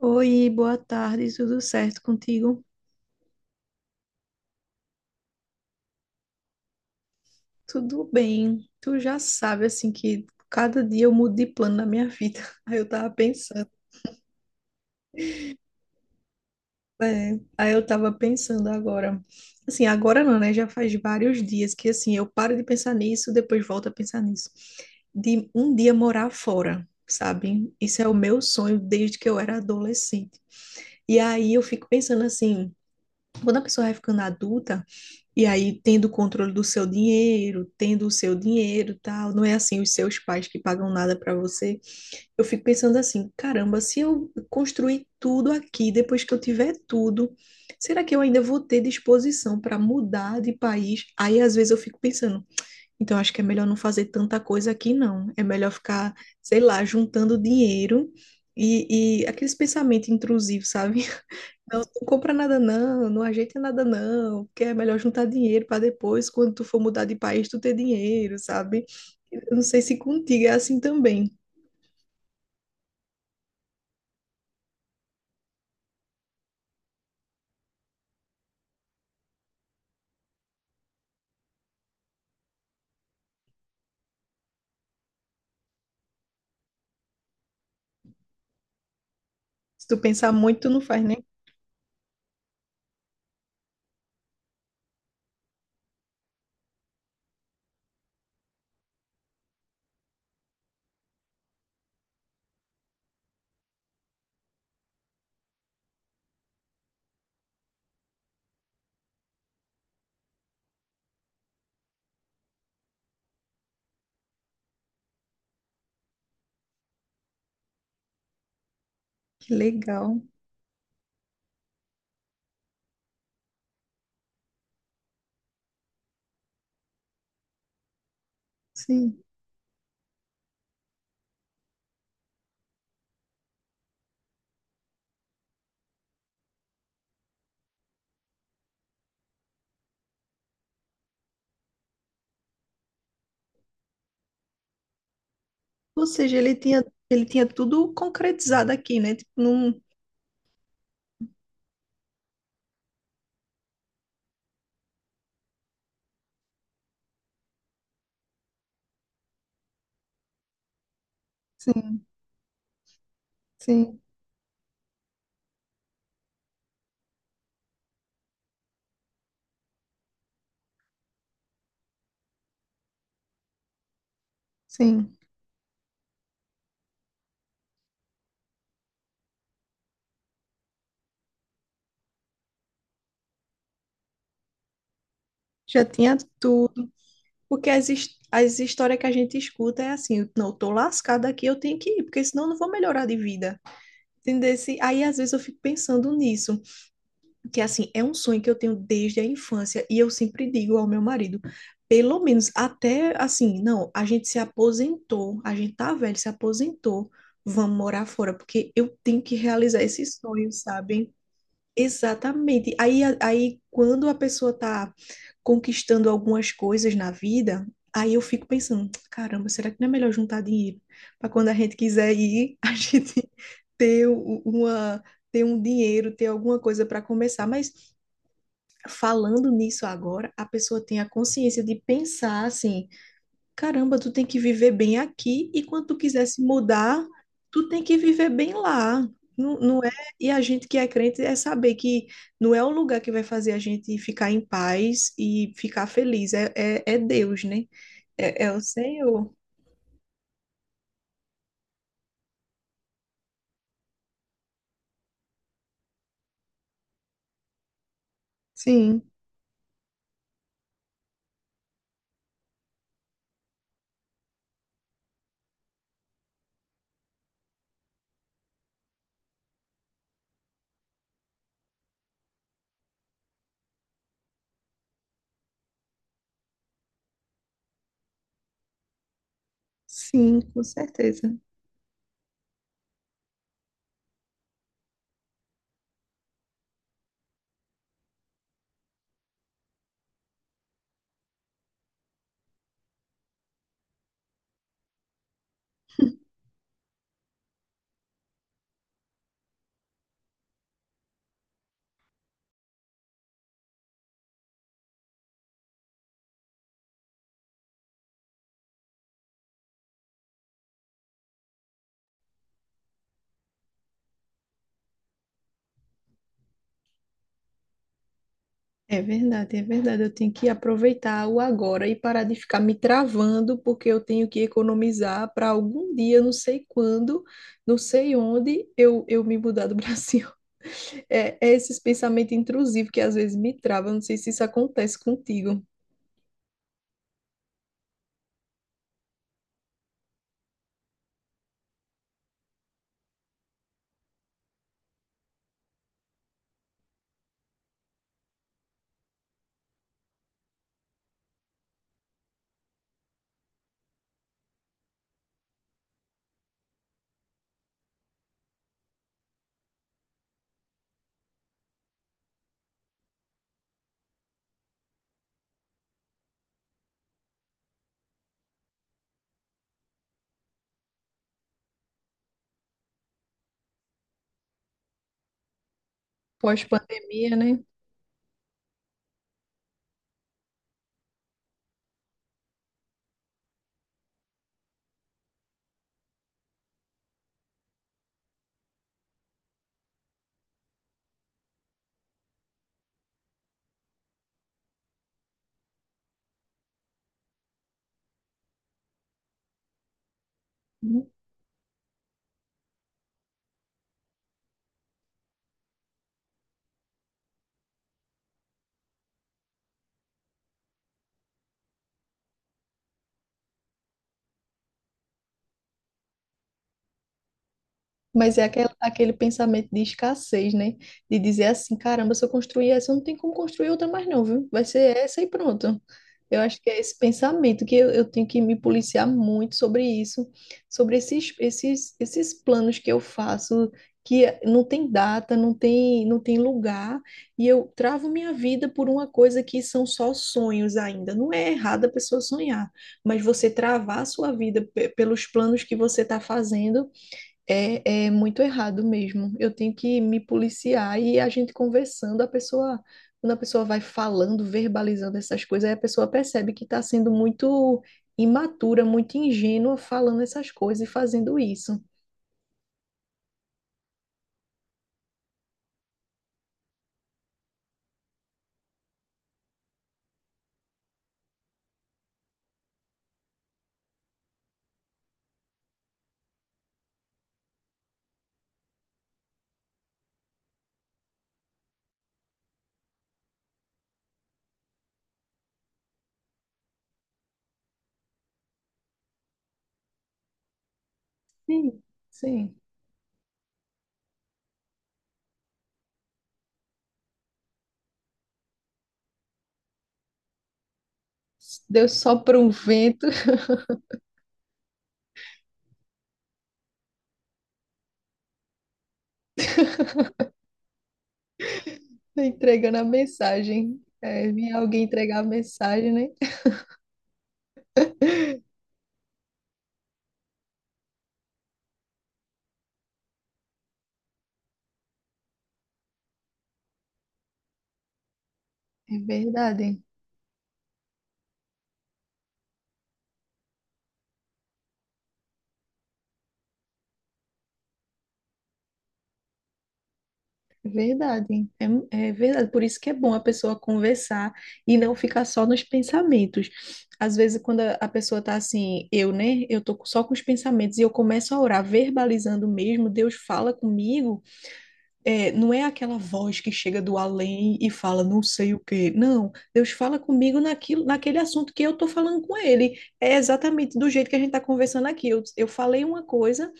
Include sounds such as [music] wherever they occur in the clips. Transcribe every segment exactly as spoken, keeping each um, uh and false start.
Oi, boa tarde, tudo certo contigo? Tudo bem. Tu já sabe, assim, que cada dia eu mudo de plano na minha vida. [laughs] Aí eu tava pensando, é, aí eu tava pensando agora. Assim, agora não, né? Já faz vários dias que, assim, eu paro de pensar nisso, depois volto a pensar nisso. De um dia morar fora, sabe? Isso é o meu sonho desde que eu era adolescente. E aí eu fico pensando assim, quando a pessoa vai ficando adulta, e aí, tendo o controle do seu dinheiro, tendo o seu dinheiro, tal, não é assim os seus pais que pagam nada para você. Eu fico pensando assim, caramba, se eu construir tudo aqui, depois que eu tiver tudo, será que eu ainda vou ter disposição para mudar de país? Aí às vezes eu fico pensando, então acho que é melhor não fazer tanta coisa aqui não. É melhor ficar, sei lá, juntando dinheiro e, e aqueles pensamentos intrusivos, sabe? Não, não compra nada não, não ajeita nada não, porque é melhor juntar dinheiro para depois, quando tu for mudar de país, tu ter dinheiro, sabe? Eu não sei se contigo é assim também. Se tu pensar muito, tu não faz, né? Que legal. Sim. Ou seja, ele tinha, ele tinha tudo concretizado aqui, né? Tipo, num... Sim, sim, sim. Já tinha tudo. Porque as, his- as histórias que a gente escuta é assim, não, eu tô lascada aqui, eu tenho que ir, porque senão eu não vou melhorar de vida. Entendesse? Aí às vezes eu fico pensando nisso, que assim, é um sonho que eu tenho desde a infância e eu sempre digo ao meu marido, pelo menos até assim, não, a gente se aposentou, a gente tá velho, se aposentou, vamos morar fora, porque eu tenho que realizar esse sonho, sabe? Exatamente. Aí, a- aí quando a pessoa está conquistando algumas coisas na vida, aí eu fico pensando, caramba, será que não é melhor juntar dinheiro para quando a gente quiser ir, [laughs] a gente ter u- uma ter um dinheiro, ter alguma coisa para começar. Mas falando nisso agora, a pessoa tem a consciência de pensar assim, caramba, tu tem que viver bem aqui e quando tu quiser se mudar, tu tem que viver bem lá. Não, não é? E a gente que é crente é saber que não é o lugar que vai fazer a gente ficar em paz e ficar feliz. É, é, é Deus, né? É, é o Senhor. Sim, sim, com certeza. É verdade, é verdade. Eu tenho que aproveitar o agora e parar de ficar me travando, porque eu tenho que economizar para algum dia, não sei quando, não sei onde, eu, eu me mudar do [laughs] Brasil. É, é esses pensamentos intrusivos que às vezes me travam. Não sei se isso acontece contigo, pós-pandemia, né? Mas é aquele, aquele pensamento de escassez, né? De dizer assim, caramba, se eu construir essa, eu não tenho como construir outra mais não, viu? Vai ser essa e pronto. Eu acho que é esse pensamento que eu, eu tenho que me policiar muito sobre isso, sobre esses, esses, esses planos que eu faço, que não tem data, não tem, não tem lugar, e eu travo minha vida por uma coisa que são só sonhos ainda. Não é errado a pessoa sonhar, mas você travar a sua vida pe- pelos planos que você está fazendo é, é muito errado mesmo. Eu tenho que me policiar e a gente conversando, a pessoa, quando a pessoa vai falando, verbalizando essas coisas, aí a pessoa percebe que está sendo muito imatura, muito ingênua falando essas coisas e fazendo isso. Sim. Sim. Deu só para um vento [laughs] entregando a mensagem. É, vinha alguém entregar a mensagem, né? É verdade. É verdade, é, é verdade. Por isso que é bom a pessoa conversar e não ficar só nos pensamentos. Às vezes, quando a a pessoa tá assim, eu, né? Eu tô só com os pensamentos e eu começo a orar, verbalizando mesmo, Deus fala comigo. É, não é aquela voz que chega do além e fala não sei o quê. Não, Deus fala comigo naquilo, naquele assunto que eu tô falando com ele. É exatamente do jeito que a gente tá conversando aqui. Eu, eu falei uma coisa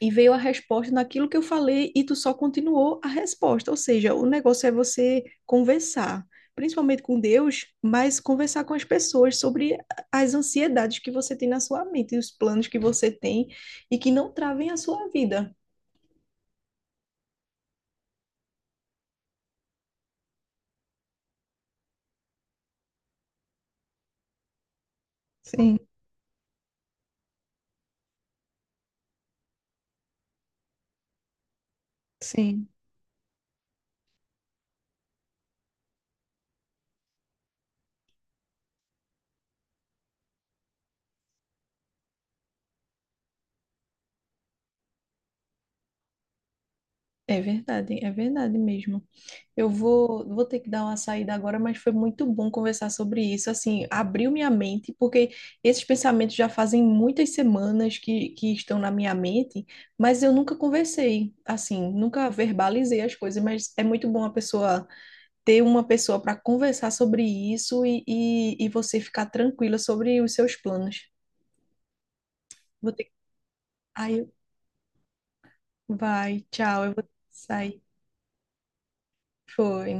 e veio a resposta naquilo que eu falei e tu só continuou a resposta. Ou seja, o negócio é você conversar, principalmente com Deus, mas conversar com as pessoas sobre as ansiedades que você tem na sua mente, e os planos que você tem e que não travem a sua vida. Sim, sim. É verdade, é verdade mesmo. Eu vou, vou ter que dar uma saída agora, mas foi muito bom conversar sobre isso. Assim, abriu minha mente, porque esses pensamentos já fazem muitas semanas que, que estão na minha mente, mas eu nunca conversei, assim, nunca verbalizei as coisas. Mas é muito bom a pessoa ter uma pessoa para conversar sobre isso e, e, e você ficar tranquila sobre os seus planos. Vou ter... Aí, vai, tchau, eu vou sair. Foi.